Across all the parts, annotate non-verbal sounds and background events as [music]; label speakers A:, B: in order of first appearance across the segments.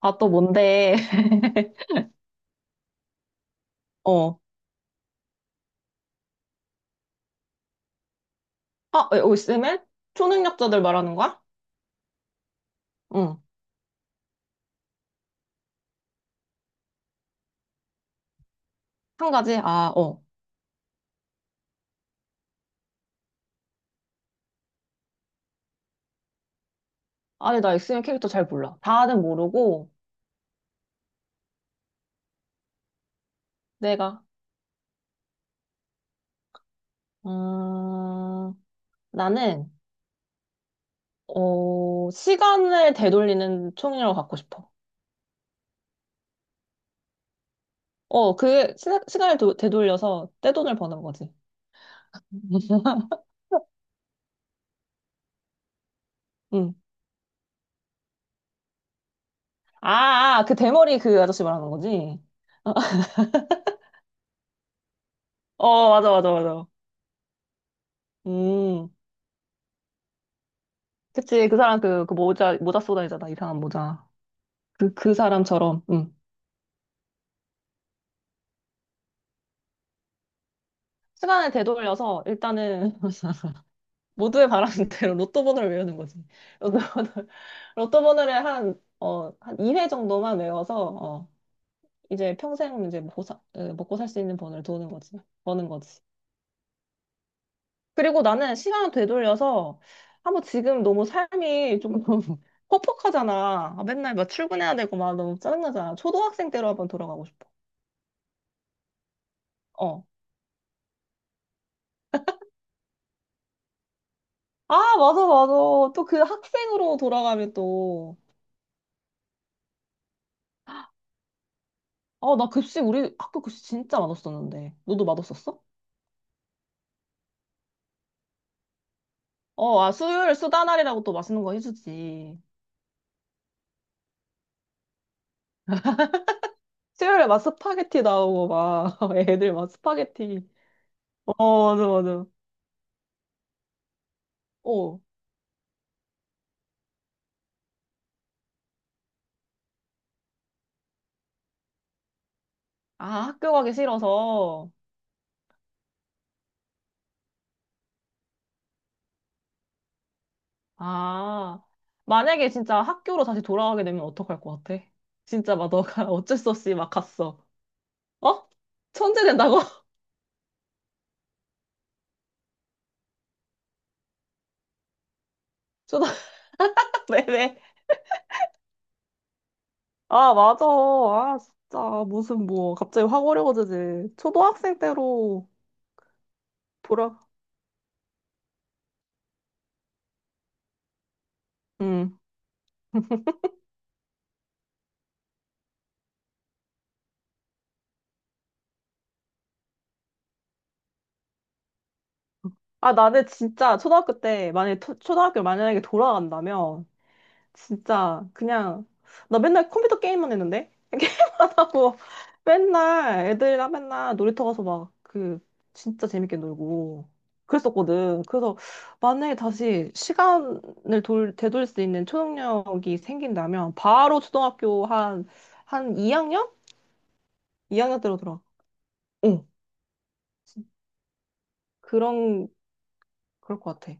A: 아, 또 뭔데? [laughs] 어. 아, 엑스맨? 초능력자들 말하는 거야? 응. 한 가지? 아, 어. 아니, 나 엑스맨 캐릭터 잘 몰라. 다는 모르고, 내가, 음, 나는, 시간을 되돌리는 초능력을 갖고 싶어. 시간을 되돌려서 떼돈을 버는 거지. 응. 그 대머리 그 아저씨 말하는 거지? 어, 맞아, 맞아, 맞아. 음. 그치, 그 사람 그 모자 쏘다니잖아, 이상한 모자. 그 사람처럼, 응. 시간을 되돌려서 일단은 [laughs] 모두의 바람대로 로또 번호를 외우는 거지. 로또 번호, 로또 번호를 한 2회 정도만 외워서, 어, 이제 평생 이제 먹고 살 수 있는 번호를 도는 거지. 버는 거지. 그리고 나는 시간을 되돌려서, 한번 지금 너무 삶이 좀 [laughs] 퍽퍽하잖아. 아, 맨날 막 출근해야 되고 막 너무 짜증나잖아. 초등학생 때로 한번 돌아가고 싶어. 어. 아, 맞아, 맞아. 또 그 학생으로 돌아가면 또, 나 급식, 우리 학교 급식 진짜 맛없었는데. 너도 맛없었어? 어, 아, 수요일 수다 날이라고 또 맛있는 거 해주지. 수요일에 막 스파게티 나오고 막, [laughs] 애들 막 스파게티. 어, 맞아, 맞아. 어, 아, 학교 가기 싫어서. 아, 만약에 진짜 학교로 다시 돌아가게 되면 어떡할 것 같아? 진짜 막 너가 [laughs] 어쩔 수 없이 막 갔어. 어? 천재 된다고? [laughs] 수다, [laughs] 왜, 왜? 아, 맞아. 아, 진짜. 무슨, 뭐, 갑자기 확 어려워지지. 초등학생 때로 돌아, 음. 아, 나는 진짜 초등학교 때, 만약에, 초등학교 만약에 돌아간다면, 진짜, 그냥, 나 맨날 컴퓨터 게임만 했는데? [laughs] 이렇 하고, 맨날 애들이랑 맨날 놀이터 가서 막, 그, 진짜 재밌게 놀고, 그랬었거든. 그래서, 만약에 다시 시간을 되돌릴 수 있는 초능력이 생긴다면, 바로 초등학교 한 2학년? 2학년 때로 돌아. 어. 그런, 그럴 것 같아.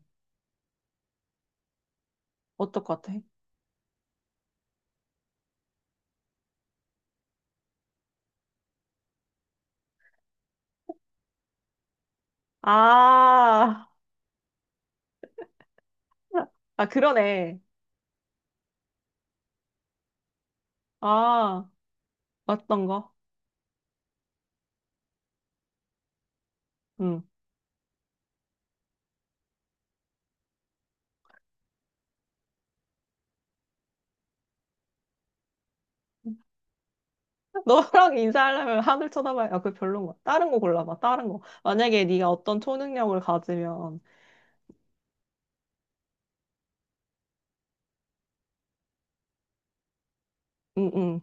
A: 어떨 것 같아? 아, 그러네. 아, 맞던 거. 응. [laughs] 너랑 인사하려면 하늘 쳐다봐야, 아, 그 별론 거야. 다른 거 골라봐, 다른 거. 만약에 네가 어떤 초능력을 가지면, 응, 응.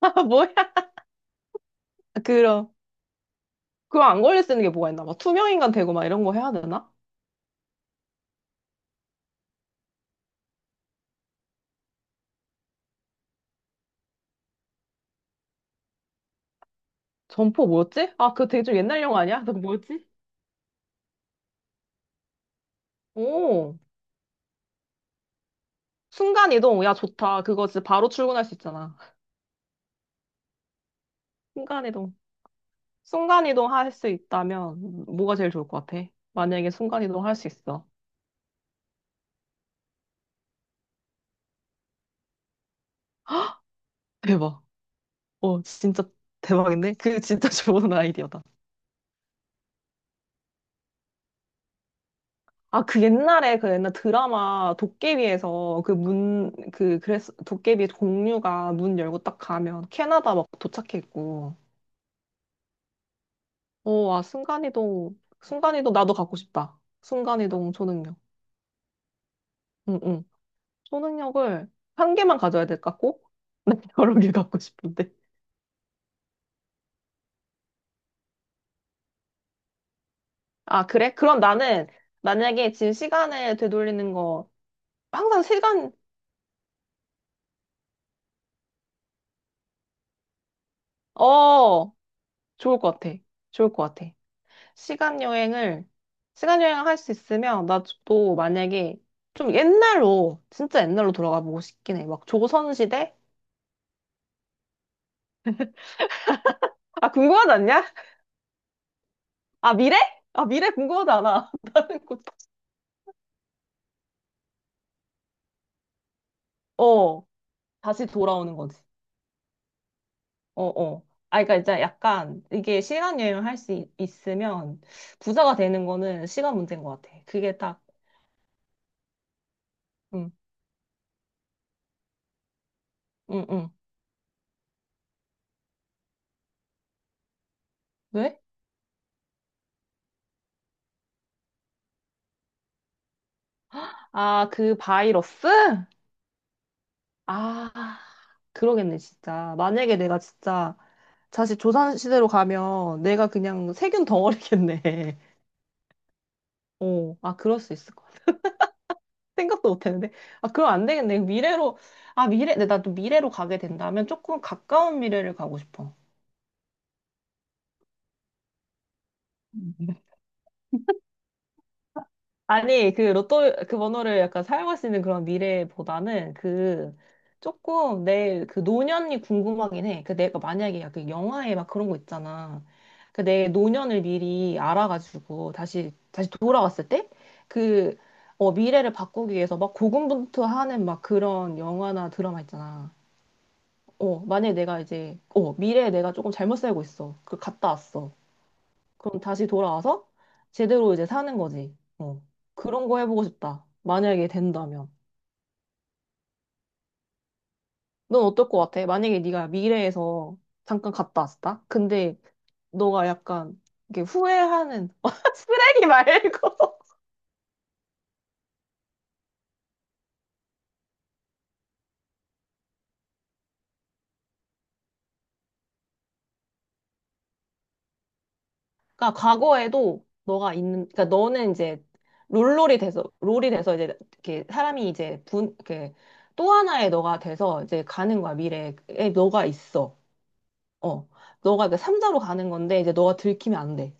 A: [laughs] 아, 뭐야? 그럼, 그거 안 걸릴 수 있는 게 뭐가 있나? 막 투명인간 되고 막 이런 거 해야 되나? 점포 뭐였지? 아, 그거 되게 좀 옛날 영화 아니야? [laughs] 그 뭐였지? 오, 순간이동. 야, 좋다. 그거 진짜 바로 출근할 수 있잖아. [laughs] 순간이동. 순간이동 할 수 있다면 뭐가 제일 좋을 것 같아? 만약에 순간이동 할 수 있어. 대박. 어, 진짜 대박인데? 그 진짜 [laughs] 좋은 아이디어다. 아, 그 옛날에 그 옛날 드라마 도깨비에서 그래서 도깨비 공유가 문 열고 딱 가면 캐나다 막 도착해 있고. 오 와, 순간이동, 순간이동 나도 갖고 싶다. 순간이동 초능력. 응, 응. 초능력을 한 개만 가져야 될까, 꼭? [laughs] 난 여러 개 갖고 싶은데. 아, 그래? 그럼 나는 만약에 지금 시간을 되돌리는 거 항상 시간 어 좋을 것 같아. 좋을 것 같아. 시간 여행을 시간 여행을 할 수 있으면 나도 만약에 좀 옛날로 진짜 옛날로 돌아가 보고 싶긴 해. 막 조선 시대? 아 궁금하지 않냐? 아 미래? 아 미래 궁금하지 않아. [laughs] 나는 곧 어. 다시 돌아오는 거지. 어 어. 아, 그러니까 이제 약간 이게 시간 여행을 할 수 있으면 부자가 되는 거는 시간 문제인 것 같아. 그게 딱 응, 응, 응. 왜? 아, 그 바이러스? 아, 그러겠네, 진짜. 만약에 내가 진짜 다시 조선시대로 가면 내가 그냥 세균 덩어리겠네. [laughs] 어, 아, 그럴 수 있을 것 같아. 생각도 못 했는데. 아, 그럼 안 되겠네. 미래로, 아, 미래, 근데 나도 미래로 가게 된다면 조금 가까운 미래를 가고 싶어. 아니, 그 로또, 그 번호를 약간 사용할 수 있는 그런 미래보다는 그 조금 내 그 노년이 궁금하긴 해. 그 내가 만약에 약간 영화에 막 그런 거 있잖아. 그 내 노년을 미리 알아가지고 다시 돌아왔을 때 그, 미래를 바꾸기 위해서 막 고군분투하는 막 그런 영화나 드라마 있잖아. 어, 만약에 내가 이제, 미래에 내가 조금 잘못 살고 있어. 그 갔다 왔어. 그럼 다시 돌아와서 제대로 이제 사는 거지. 어. 그런 거 해보고 싶다. 만약에 된다면. 넌 어떨 것 같아? 만약에 네가 미래에서 잠깐 갔다 왔다? 근데 너가 약간 이렇게 후회하는 [laughs] 쓰레기 말고 그러니까 과거에도 너가 있는 그러니까 너는 이제 롤롤이 돼서 롤이 돼서 이제 이렇게 사람이 이제 분 이렇게 또 하나의 너가 돼서 이제 가는 거야. 미래에 너가 있어. 어. 너가 이제 삼자로 가는 건데 이제 너가 들키면 안 돼.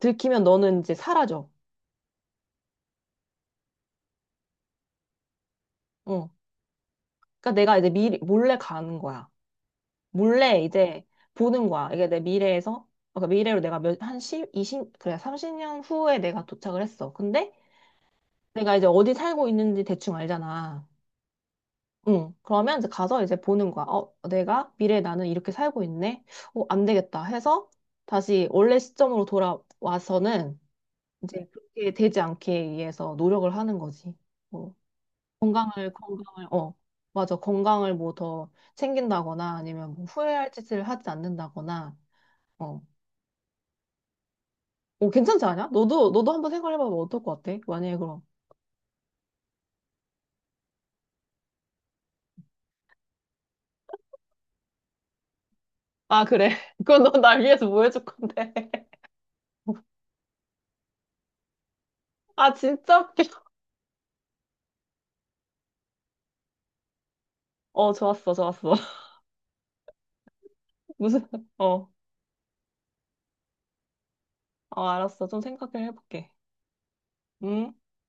A: 들키면 너는 이제 사라져. 어. 그러니까 내가 이제 미리 몰래 가는 거야. 몰래 이제 보는 거야. 이게 내 미래에서 그러니까 미래로 내가 몇, 한 10 20 그래 30년 후에 내가 도착을 했어. 근데 내가 이제 어디 살고 있는지 대충 알잖아. 응. 그러면 이제 가서 이제 보는 거야. 어, 내가 미래에 나는 이렇게 살고 있네. 어, 안 되겠다 해서 다시 원래 시점으로 돌아와서는 이제 그렇게 되지 않기 위해서 노력을 하는 거지. 뭐 건강을 어 맞아 건강을 뭐 더 챙긴다거나 아니면 뭐 후회할 짓을 하지 않는다거나 어, 어 괜찮지 않아? 너도 너도 한번 생각해봐봐 어떨 것 같아? 만약에 그럼 아 그래 [laughs] 그건 너 날 위해서 뭐 해줄 건데 [laughs] 아 진짜 웃겨 어 좋았어 좋았어 [laughs] 무슨 어, 어 알았어 좀 생각을 해볼게 음